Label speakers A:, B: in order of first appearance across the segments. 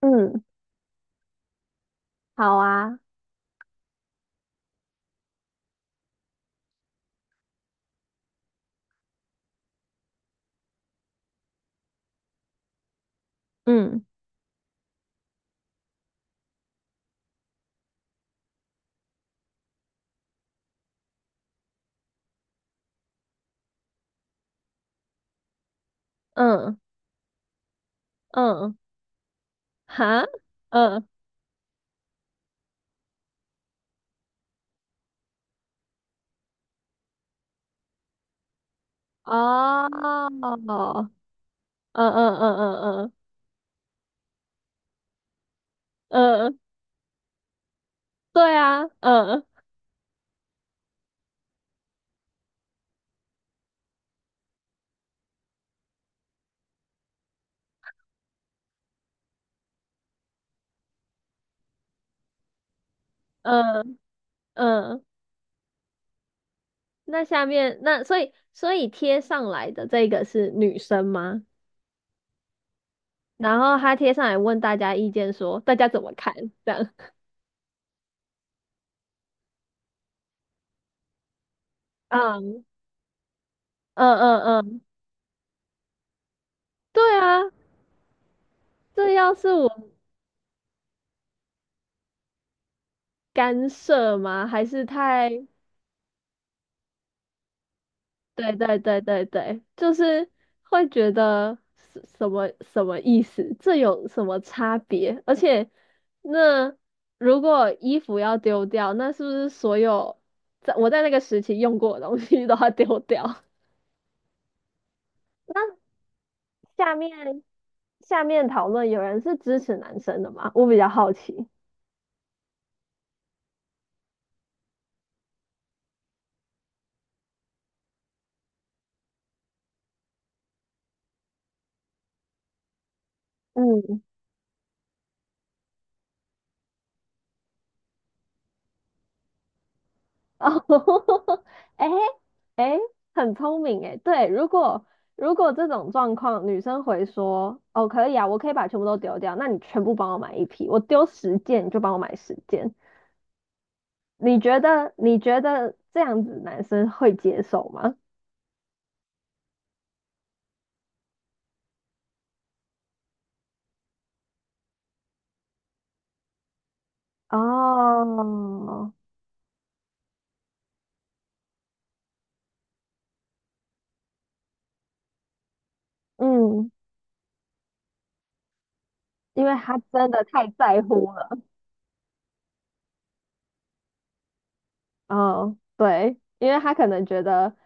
A: 嗯，好啊，嗯嗯嗯，哈，嗯哦，嗯嗯嗯嗯嗯嗯，对啊，嗯嗯嗯，那下面那所以所以贴上来的这个是女生吗？然后她贴上来问大家意见说，大家怎么看？这样，嗯嗯嗯嗯，对啊，这要是我干涉吗？还是太？对对对对对，就是会觉得什么什么意思？这有什么差别？而且，那如果衣服要丢掉，那是不是所有在那个时期用过的东西都要丢掉？那下面讨论有人是支持男生的吗？我比较好奇。嗯哦，哎哎，很聪明哎。对，如果这种状况，女生回说：“哦，可以啊，我可以把全部都丢掉，那你全部帮我买一批，我丢十件，你就帮我买十件。”你觉得这样子男生会接受吗？哦，嗯，因为他真的太在乎了。哦，对，因为他可能觉得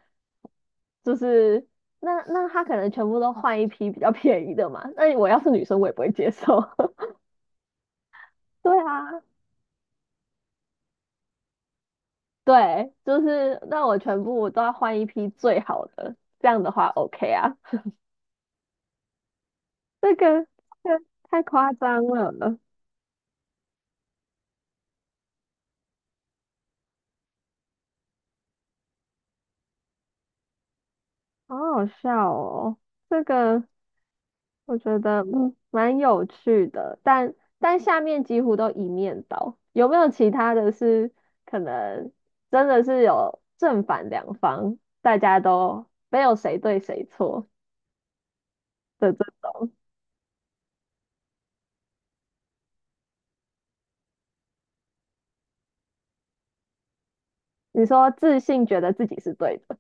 A: 就是那他可能全部都换一批比较便宜的嘛。那我要是女生，我也不会接受。对啊，对，就是那我全部都要换一批最好的，这样的话 OK 啊。这个太夸张了，好好笑哦。这个我觉得蛮有趣的，但下面几乎都一面倒。有没有其他的是可能真的是有正反两方，大家都没有谁对谁错的这种？你说自信觉得自己是对的，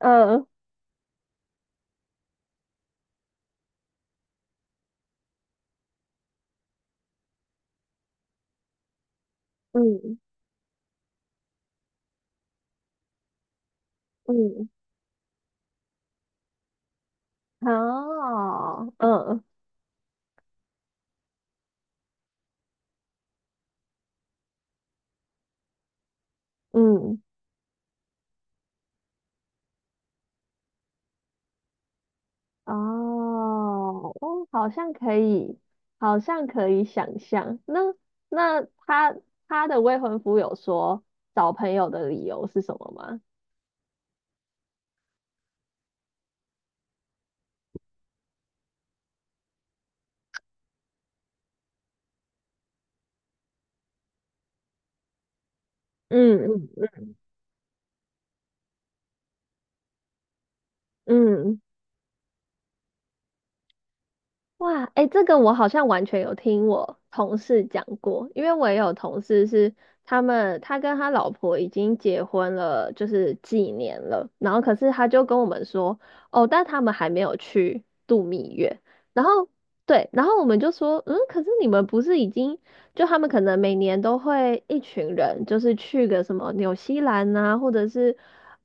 A: 嗯嗯嗯。哦，嗯嗯，哦，哦，好像可以，好像可以想象。那那他他的未婚夫有说找朋友的理由是什么吗？嗯嗯嗯。哇，哎，这个我好像完全有听我同事讲过，因为我也有同事是他们，他跟他老婆已经结婚了，就是几年了，然后可是他就跟我们说，哦，但他们还没有去度蜜月，然后对，然后我们就说，嗯，可是你们不是已经就他们可能每年都会一群人，就是去个什么纽西兰啊，或者是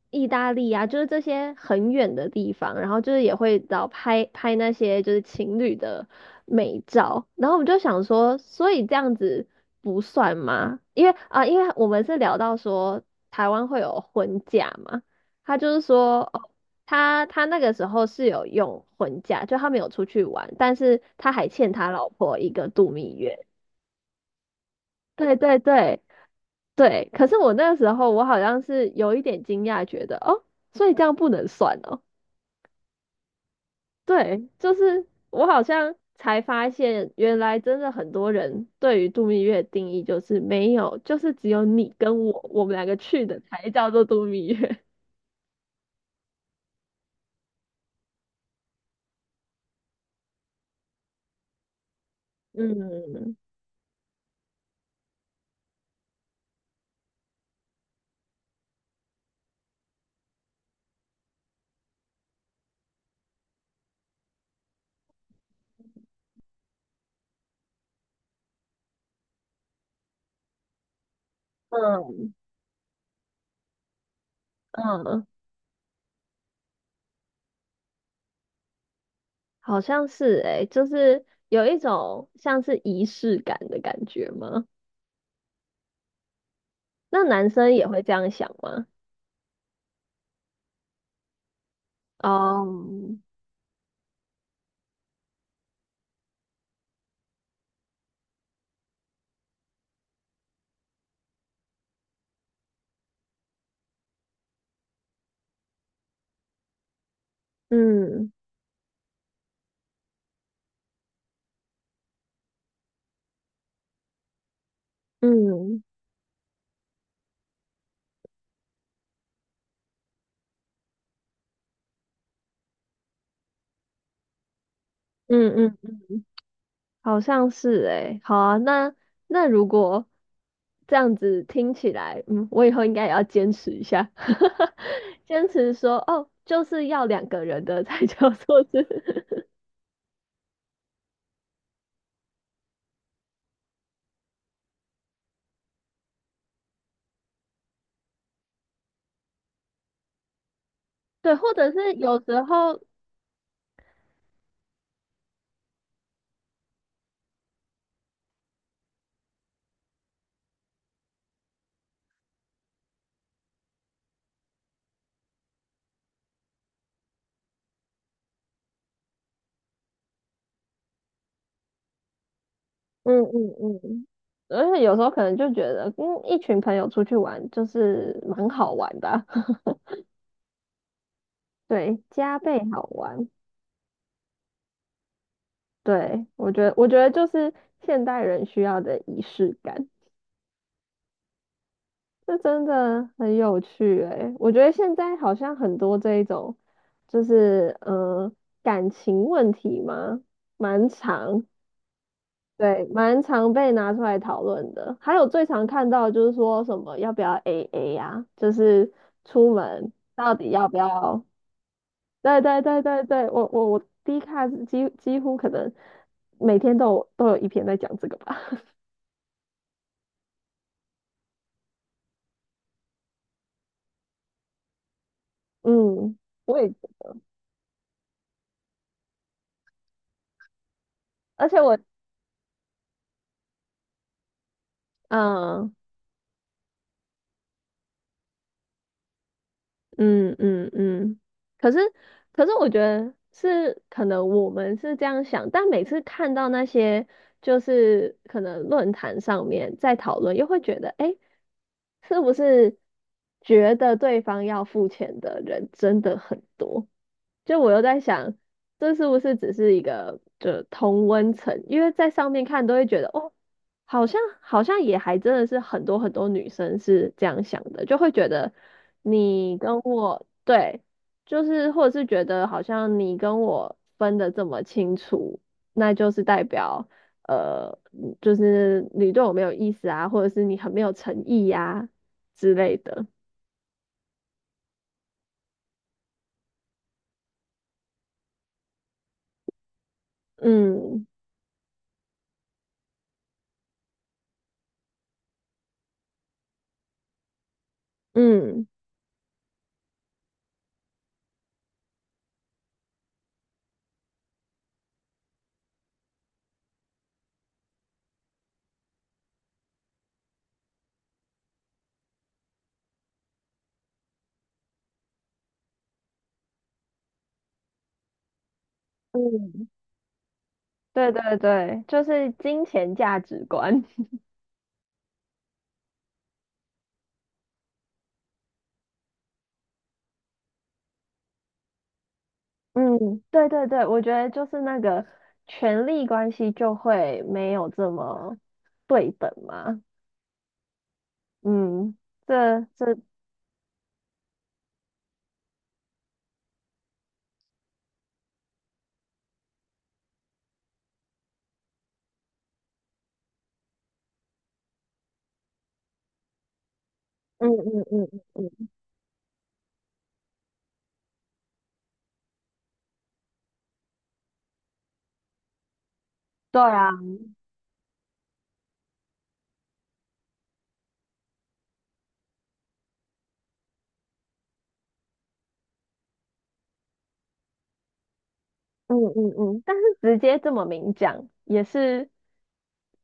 A: 意大利啊，就是这些很远的地方，然后就是也会拍拍那些就是情侣的美照，然后我们就想说，所以这样子不算吗？因为啊、因为我们是聊到说台湾会有婚假嘛，他就是说哦。他那个时候是有用婚假，就他没有出去玩，但是他还欠他老婆一个度蜜月。对对对对，可是我那个时候我好像是有一点惊讶，觉得哦，所以这样不能算哦。对，就是我好像才发现，原来真的很多人对于度蜜月的定义就是没有，就是只有你跟我，我们两个去的才叫做度蜜月。嗯嗯嗯，好像是诶，就是有一种像是仪式感的感觉吗？那男生也会这样想吗？哦，嗯。嗯嗯嗯，好像是诶、好啊，那如果这样子听起来，嗯，我以后应该也要坚持一下，坚持说哦，就是要两个人的 才叫做是，对，或者是有时候，嗯嗯嗯，而且有时候可能就觉得，嗯，一群朋友出去玩就是蛮好玩的啊，对，加倍好玩，对，我觉得就是现代人需要的仪式感。这真的很有趣诶，我觉得现在好像很多这一种，就是嗯，感情问题嘛，蛮常，对，蛮常被拿出来讨论的。还有最常看到就是说什么要不要 AA 呀，就是出门到底要不要？对对对对对，我 D 卡几乎可能每天都有一篇在讲这个吧。嗯，我也，而且我嗯。呃嗯嗯嗯，可是可是我觉得是可能我们是这样想，但每次看到那些就是可能论坛上面在讨论，又会觉得，哎，是不是觉得对方要付钱的人真的很多？就我又在想，这是不是只是一个就同温层？因为在上面看都会觉得，哦，好像也还真的是很多女生是这样想的，就会觉得你跟我对，就是或者是觉得好像你跟我分的这么清楚，那就是代表就是你对我没有意思啊，或者是你很没有诚意呀、之类的。嗯嗯嗯。对对对，就是金钱价值观。嗯，对对对，我觉得就是那个权力关系就会没有这么对等嘛。嗯，这这，嗯嗯嗯嗯嗯，对啊，嗯嗯嗯，但是直接这么明讲也是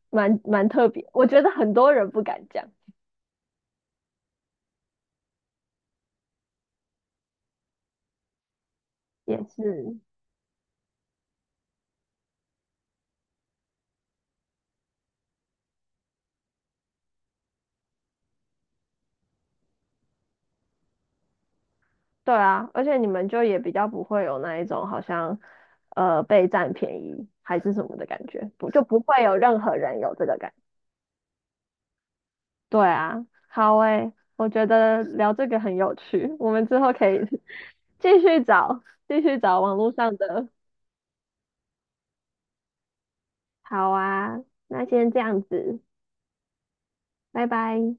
A: 蛮特别，我觉得很多人不敢讲，也是。对啊，而且你们就也比较不会有那一种好像呃被占便宜还是什么的感觉，不就不会有任何人有这个感对啊，好诶，我觉得聊这个很有趣，我们之后可以 继续找，继续找网络上的。好啊，那先这样子，拜拜。